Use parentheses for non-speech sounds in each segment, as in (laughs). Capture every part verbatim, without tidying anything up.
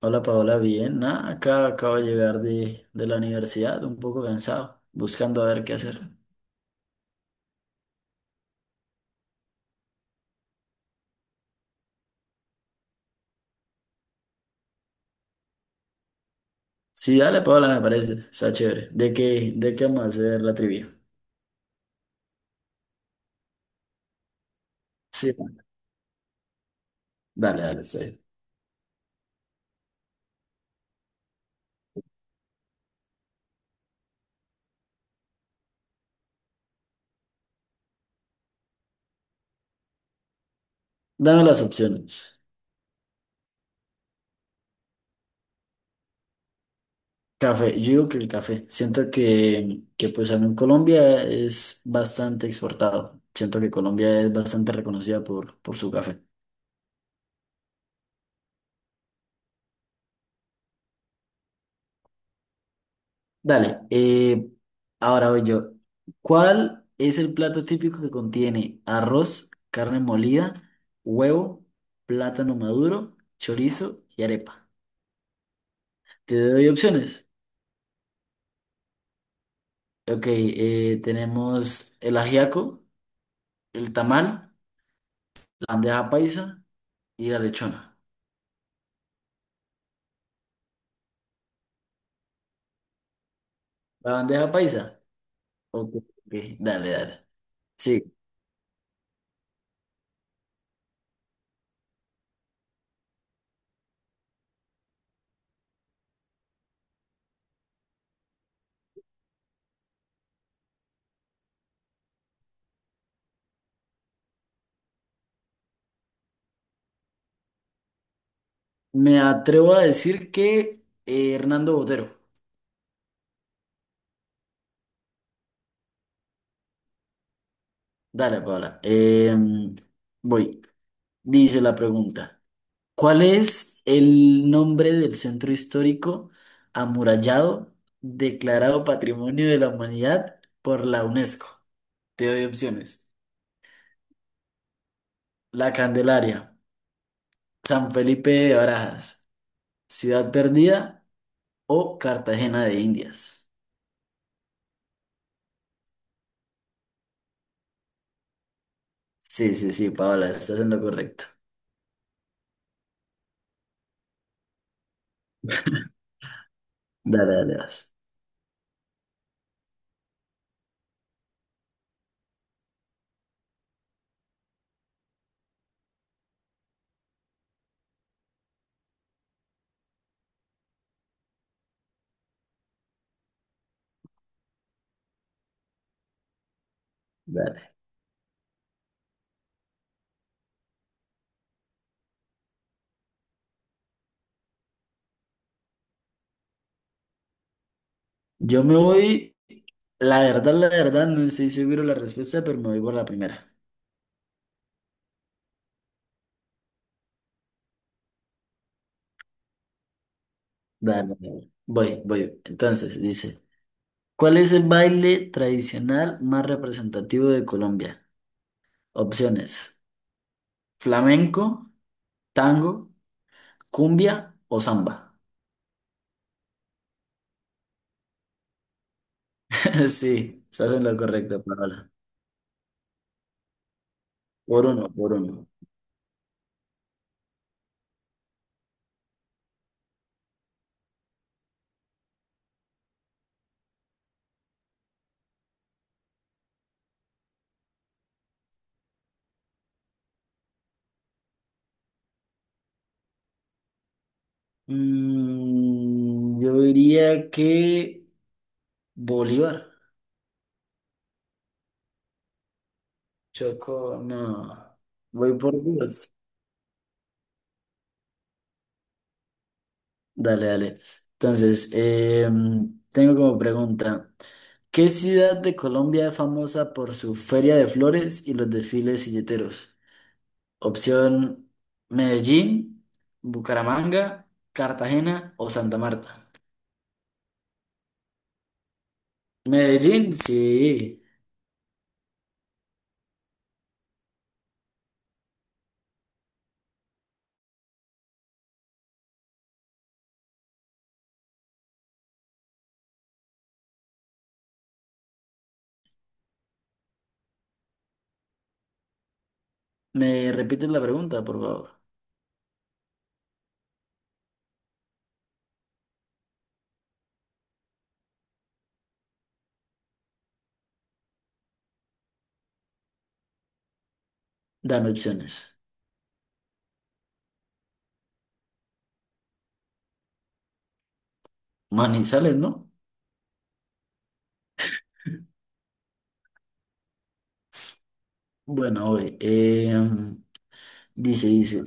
Hola Paola, bien. Nada, acá acabo de llegar de, de la universidad, un poco cansado, buscando a ver qué hacer. Sí, dale Paola, me parece, está chévere. ¿De qué, de qué vamos a hacer la trivia? Sí, dale, dale, está. Dame las opciones. Café, yo digo que el café. Siento que, que pues en Colombia es bastante exportado. Siento que Colombia es bastante reconocida por, por su café. Dale, eh, ahora voy yo. ¿Cuál es el plato típico que contiene arroz, carne molida, huevo, plátano maduro, chorizo y arepa? Te doy opciones. Ok, eh, tenemos el ajiaco, el tamal, la bandeja paisa y la lechona. ¿La bandeja paisa? Ok, ok, dale, dale. Sí, me atrevo a decir que eh, Hernando Botero. Dale, Paola. Em, voy. Dice la pregunta. ¿Cuál es el nombre del centro histórico amurallado declarado Patrimonio de la Humanidad por la UNESCO? Te doy opciones. La Candelaria, San Felipe de Barajas, Ciudad Perdida o Cartagena de Indias. Sí, sí, sí, Paola, estás en lo correcto. Dale, dale, vas. Dale. Yo me voy, la verdad, la verdad, no estoy seguro la respuesta, pero me voy por la primera. Dale, dale. Voy, voy. Entonces, dice. ¿Cuál es el baile tradicional más representativo de Colombia? Opciones: flamenco, tango, cumbia o samba. (laughs) Sí, estás en lo correcto, Paola. Por uno, por uno. Mm, yo diría que Bolívar. Choco, no. Voy por Dios. Dale, dale. Entonces, eh, tengo como pregunta. ¿Qué ciudad de Colombia es famosa por su feria de flores y los desfiles silleteros? Opción Medellín, Bucaramanga, Cartagena o Santa Marta. Medellín, sí. ¿Me repites la pregunta, por favor? Dame opciones. Manizales, ¿no? Bueno, oye, em, dice, dice,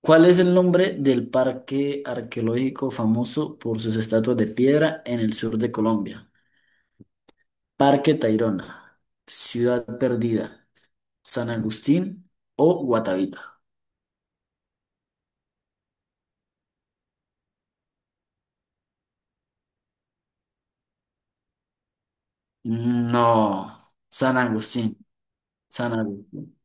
¿cuál es el nombre del parque arqueológico famoso por sus estatuas de piedra en el sur de Colombia? Parque Tayrona, Ciudad Perdida, San Agustín o Guatavita. Mm, No, San Agustín. San Agustín,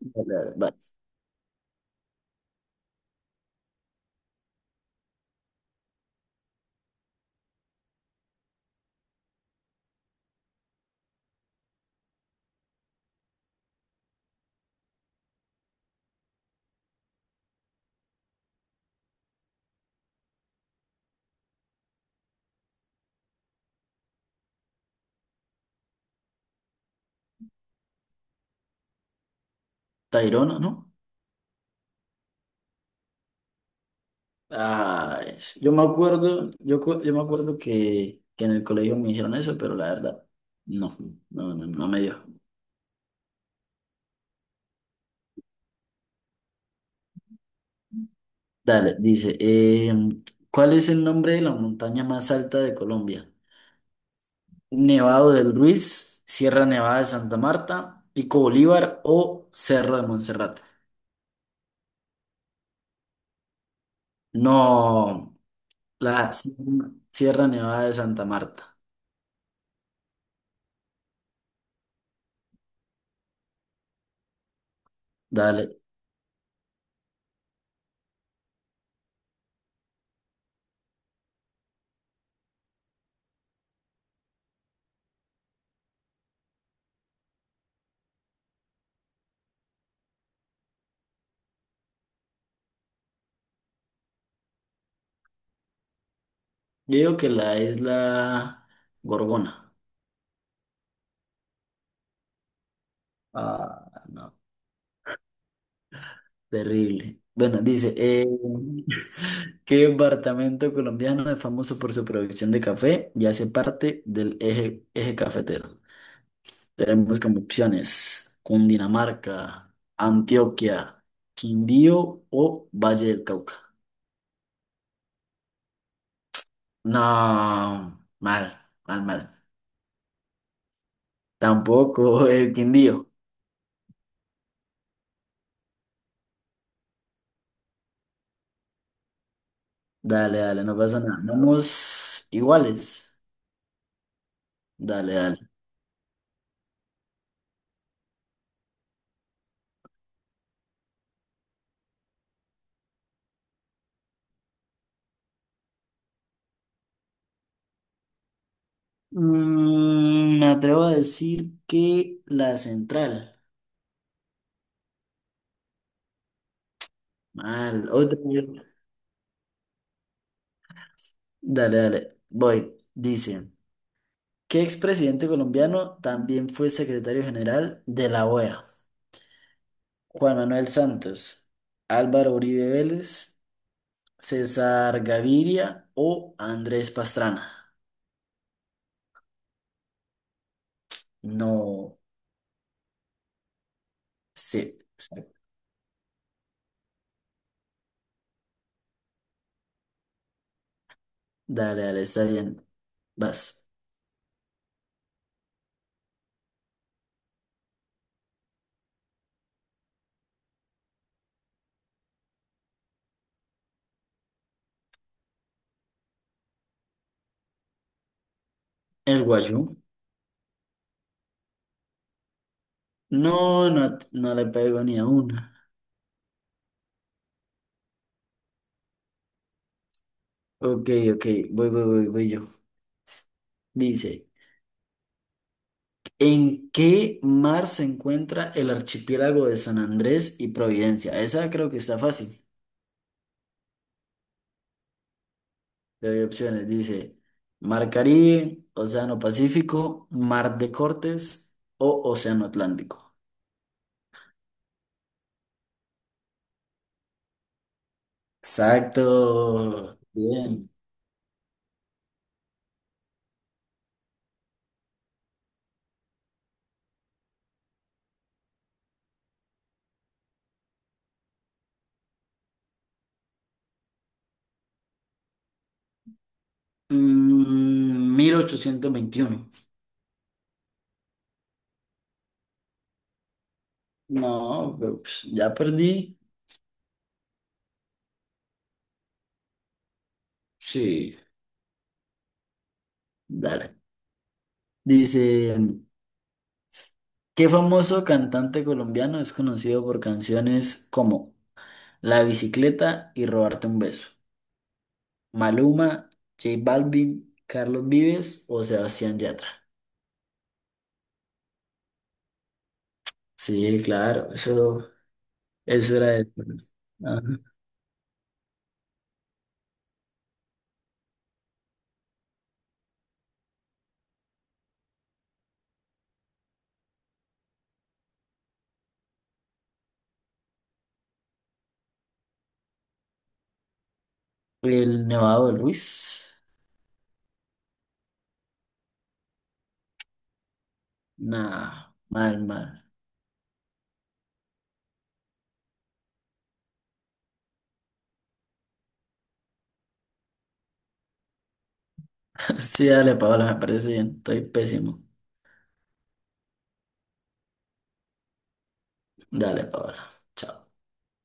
vale, vale. Tayrona, ¿no? Ah, es- yo me acuerdo, yo, cu- yo me acuerdo que, que en el colegio me dijeron eso, pero la verdad, no, no, no, no me dio. Dale, dice, em, ¿cuál es el nombre de la montaña más alta de Colombia? Nevado del Ruiz, Sierra Nevada de Santa Marta, Pico Bolívar o Cerro de Monserrate. No, la Sierra Sierra Nevada de Santa Marta. Dale, yo digo que la isla Gorgona. Ah, no, terrible. Bueno, dice, eh, (laughs) ¿qué departamento colombiano es famoso por su producción de café y hace parte del eje, eje cafetero? Tenemos como opciones Cundinamarca, Antioquia, Quindío o Valle del Cauca. No, mal, mal, mal. Tampoco el Quindío. Dale, dale, no pasa nada. Vamos iguales. Dale, dale. Mm, me atrevo a decir que la central. Mal. Otra vez. Dale, dale. Voy. Dice, ¿qué expresidente colombiano también fue secretario general de la O E A? Juan Manuel Santos, Álvaro Uribe Vélez, César Gaviria o Andrés Pastrana. No sé. Dale, dale, está bien. Vas. El Guayú. No, no, no le pego ni a una. Ok, ok, voy, voy, voy, voy yo. Dice, ¿en qué mar se encuentra el archipiélago de San Andrés y Providencia? Esa creo que está fácil. Te doy opciones. Dice, Mar Caribe, Océano Pacífico, Mar de Cortes o Océano Atlántico. Exacto. Bien. Mm, mil ochocientos veintiuno. No, pero, pues, ya perdí. Sí. Dale. Dice, ¿qué famoso cantante colombiano es conocido por canciones como La bicicleta y Robarte un beso? Maluma, J Balvin, Carlos Vives o Sebastián Yatra. Sí, claro, eso, eso era de... Ajá. El Nevado del Ruiz. Nah, mal, mal. (laughs) Sí, dale, Paola, me parece bien. Estoy pésimo. Dale, Paola. Chao.